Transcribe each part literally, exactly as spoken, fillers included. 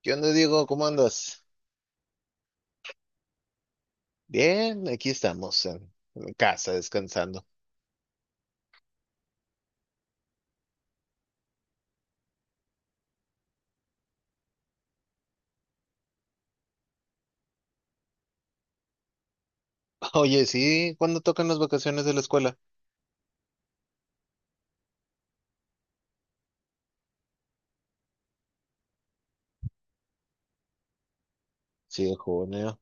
¿Qué onda, Diego? ¿Cómo andas? Bien, aquí estamos en, en casa descansando. Oye, sí, ¿cuándo tocan las vacaciones de la escuela? Sí, en junio.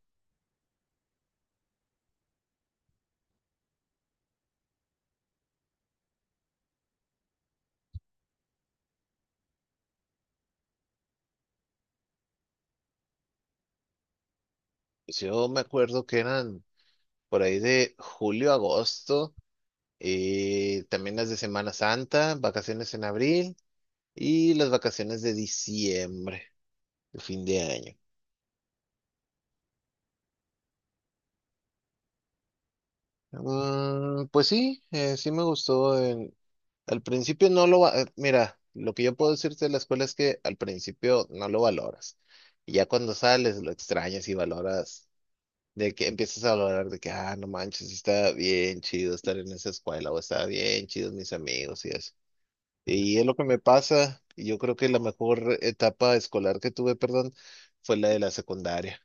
Pues yo me acuerdo que eran por ahí de julio, agosto, y también las de Semana Santa, vacaciones en abril y las vacaciones de diciembre, de fin de año. Mm, pues sí, eh, sí me gustó. En, Al principio no lo va, eh, mira, lo que yo puedo decirte de la escuela es que al principio no lo valoras. Y ya cuando sales lo extrañas y valoras, de que empiezas a valorar de que, ah, no manches, está bien chido estar en esa escuela o está bien chidos mis amigos y eso. Y es lo que me pasa. Y yo creo que la mejor etapa escolar que tuve, perdón, fue la de la secundaria.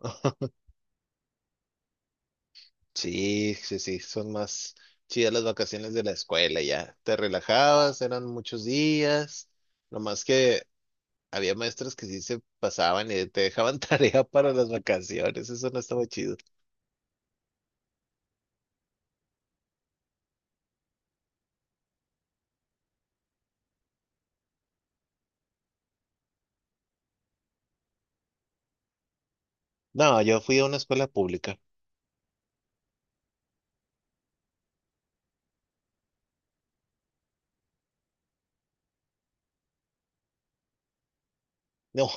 Sí, sí, sí, son más chidas las vacaciones de la escuela ya. Te relajabas, eran muchos días. Nomás que había maestros que sí se pasaban y te dejaban tarea para las vacaciones, eso no estaba chido. No, yo fui a una escuela pública. No,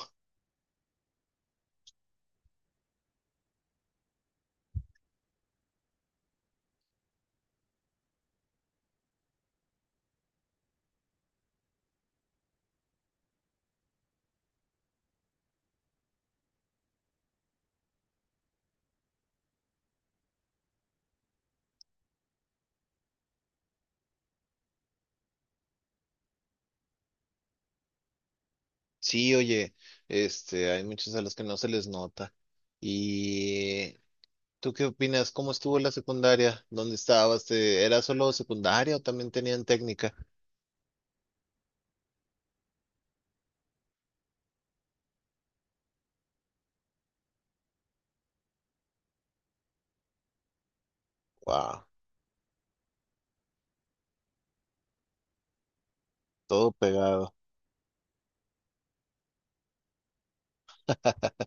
sí, oye, este, hay muchos a los que no se les nota. ¿Y tú qué opinas? ¿Cómo estuvo la secundaria? ¿Dónde estabas? ¿Te- ¿Era solo secundaria o también tenían técnica? Wow, todo pegado.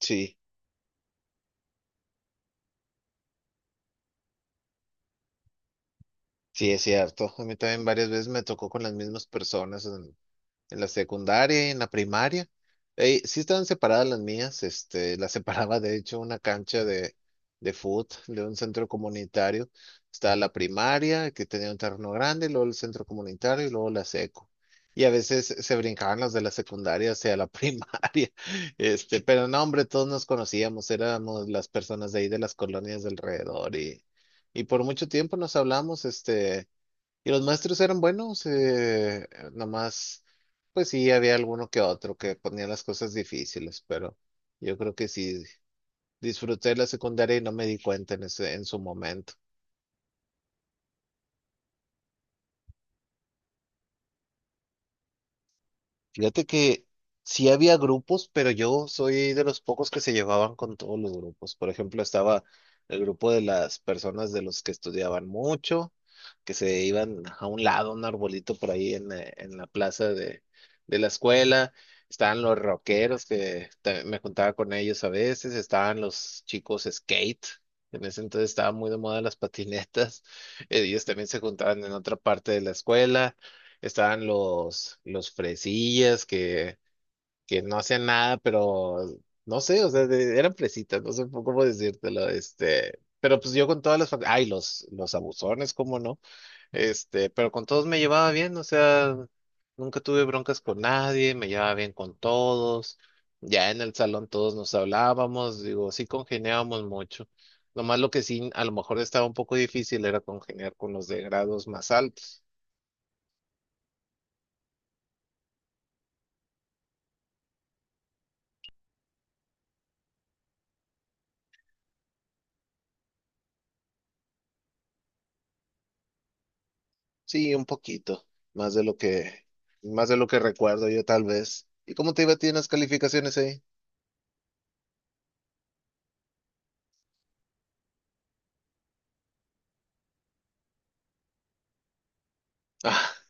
Sí, sí, es cierto. A mí también varias veces me tocó con las mismas personas. En la secundaria, en la primaria. Eh, sí estaban separadas las mías, este, las separaba de hecho una cancha de, de, fútbol, de un centro comunitario. Estaba la primaria, que tenía un terreno grande, luego el centro comunitario y luego la seco. Y a veces se brincaban las de la secundaria hacia la primaria. Este, pero no, hombre, todos nos conocíamos, éramos las personas de ahí de las colonias de alrededor y, y por mucho tiempo nos hablamos, este. Y los maestros eran buenos, eh, nomás, pues sí, había alguno que otro que ponía las cosas difíciles, pero yo creo que sí, disfruté la secundaria y no me di cuenta en ese, en su momento. Fíjate que sí había grupos, pero yo soy de los pocos que se llevaban con todos los grupos. Por ejemplo, estaba el grupo de las personas de los que estudiaban mucho, que se iban a un lado, un arbolito por ahí en, eh, en la plaza de, de, la escuela. Estaban los rockeros, que ta- me juntaba con ellos a veces. Estaban los chicos skate. En ese entonces estaban muy de moda las patinetas. Ellos también se juntaban en otra parte de la escuela. Estaban los, los, fresillas que, que no hacían nada, pero no sé, o sea, de- eran fresitas, no sé po- cómo decírtelo, este, pero pues yo con todas las, fac- ay, los, los abusones, cómo no, este, pero con todos me llevaba bien, o sea, nunca tuve broncas con nadie, me llevaba bien con todos, ya en el salón todos nos hablábamos, digo, sí congeniábamos mucho. Nomás lo que sí, a lo mejor estaba un poco difícil era congeniar con los de grados más altos. Sí, un poquito, más de lo que, más de lo que recuerdo yo tal vez. ¿Y cómo te iba a ti en las calificaciones ahí? Ah,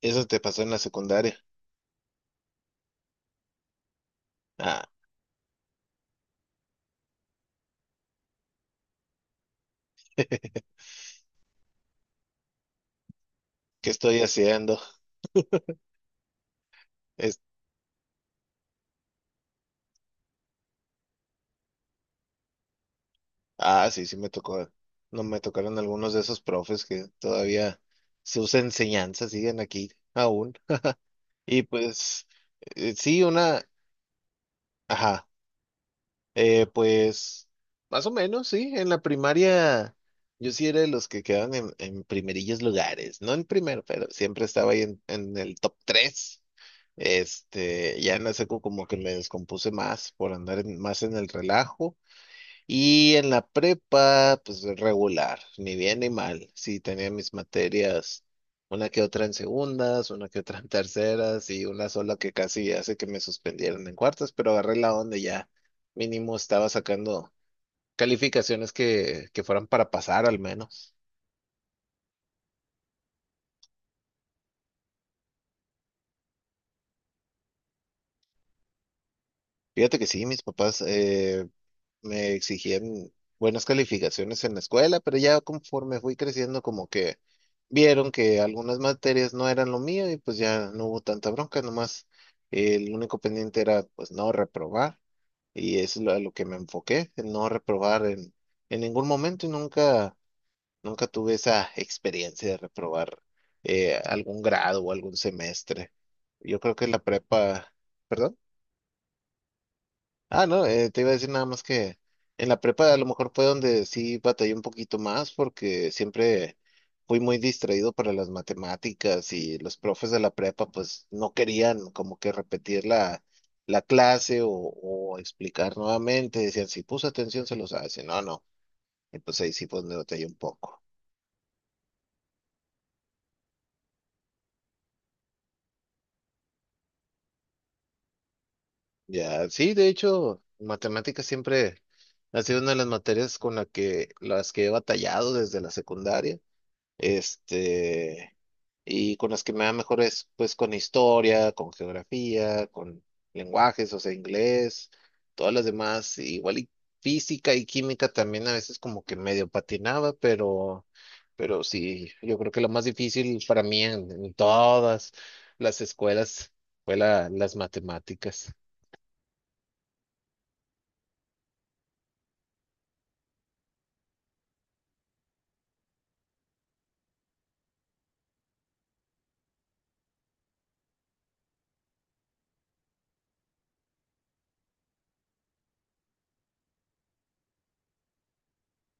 eso te pasó en la secundaria. Ah, ¿qué estoy haciendo? Es, ah, sí, sí me tocó. No me tocaron algunos de esos profes que todavía sus enseñanzas siguen aquí aún. Y pues, eh, sí, una, ajá. Eh, pues, más o menos, sí. En la primaria, yo sí era de los que quedaban en, en primerillos lugares. No en primero, pero siempre estaba ahí en, en el top tres. Este, ya en la secu como que me descompuse más por andar en- más en el relajo. Y en la prepa, pues regular, ni bien ni mal. Sí, tenía mis materias, una que otra en segundas, una que otra en terceras y una sola que casi hace que me suspendieran en cuartas, pero agarré la onda y ya. Mínimo estaba sacando calificaciones que, que fueran para pasar al menos. Fíjate que sí, mis papás, eh, me exigían buenas calificaciones en la escuela, pero ya conforme fui creciendo, como que vieron que algunas materias no eran lo mío y pues ya no hubo tanta bronca, nomás el único pendiente era pues no reprobar y eso es lo- a lo que me enfoqué, en no reprobar en, en, ningún momento y nunca, nunca tuve esa experiencia de reprobar eh, algún grado o algún semestre. Yo creo que la prepa, ¿perdón? Ah, no, eh, te iba a decir nada más que en la prepa a lo mejor fue donde sí batallé un poquito más porque siempre fui muy distraído para las matemáticas y los profes de la prepa pues no querían como que repetir la, la, clase o, o explicar nuevamente. Decían, si puso atención se lo sabe, si no, no. Y pues ahí sí pues me batallé un poco. Ya, sí, de hecho, matemáticas siempre ha sido una de las materias con la que, las que he batallado desde la secundaria. Este... y con las que me va mejor es pues con historia, con geografía, con lenguajes, o sea, inglés, todas las demás, igual y física y química también a veces como que medio patinaba, pero, pero, sí, yo creo que lo más difícil para mí en, en todas las escuelas fue la, las matemáticas.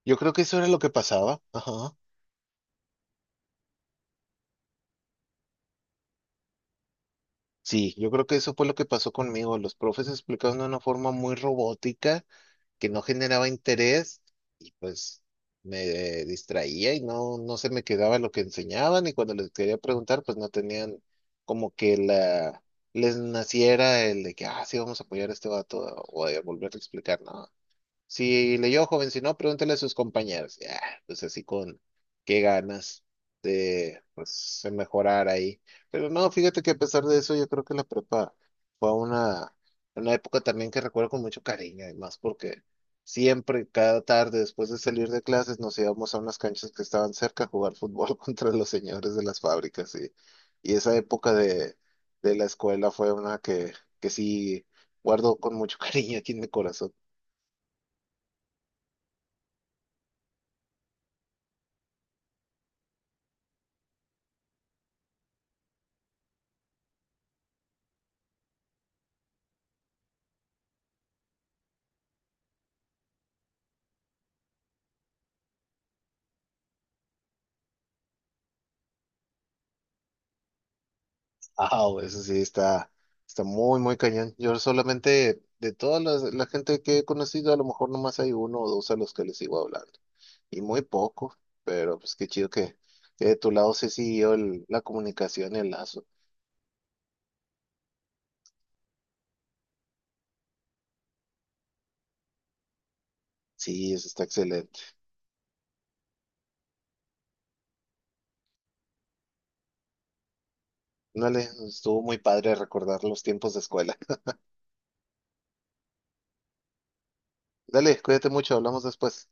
Yo creo que eso era lo que pasaba, ajá. Sí, yo creo que eso fue lo que pasó conmigo. Los profes explicaron de una forma muy robótica que no generaba interés y pues me distraía y no, no se me quedaba lo que enseñaban y cuando les quería preguntar pues no tenían como que la les naciera el de que, ah, sí, vamos a apoyar a este vato o de volver a explicar, ¿no? Si leyó, joven, si no, pregúntele a sus compañeros. Ya, pues así con qué ganas de, pues, de mejorar ahí. Pero no, fíjate que a pesar de eso, yo creo que la prepa fue una, una, época también que recuerdo con mucho cariño, además, porque siempre, cada tarde, después de salir de clases, nos íbamos a unas canchas que estaban cerca a jugar fútbol contra los señores de las fábricas. Y, y esa época de, de, la escuela fue una que, que sí guardo con mucho cariño aquí en mi corazón. Ah, eso sí, está, está, muy, muy cañón. Yo solamente, de toda la, la gente que he conocido, a lo mejor nomás hay uno o dos a los que les sigo hablando. Y muy poco, pero pues qué chido que, que de tu lado se siguió el- la comunicación y el lazo. Sí, eso está excelente. Dale, estuvo muy padre recordar los tiempos de escuela. Dale, cuídate mucho, hablamos después.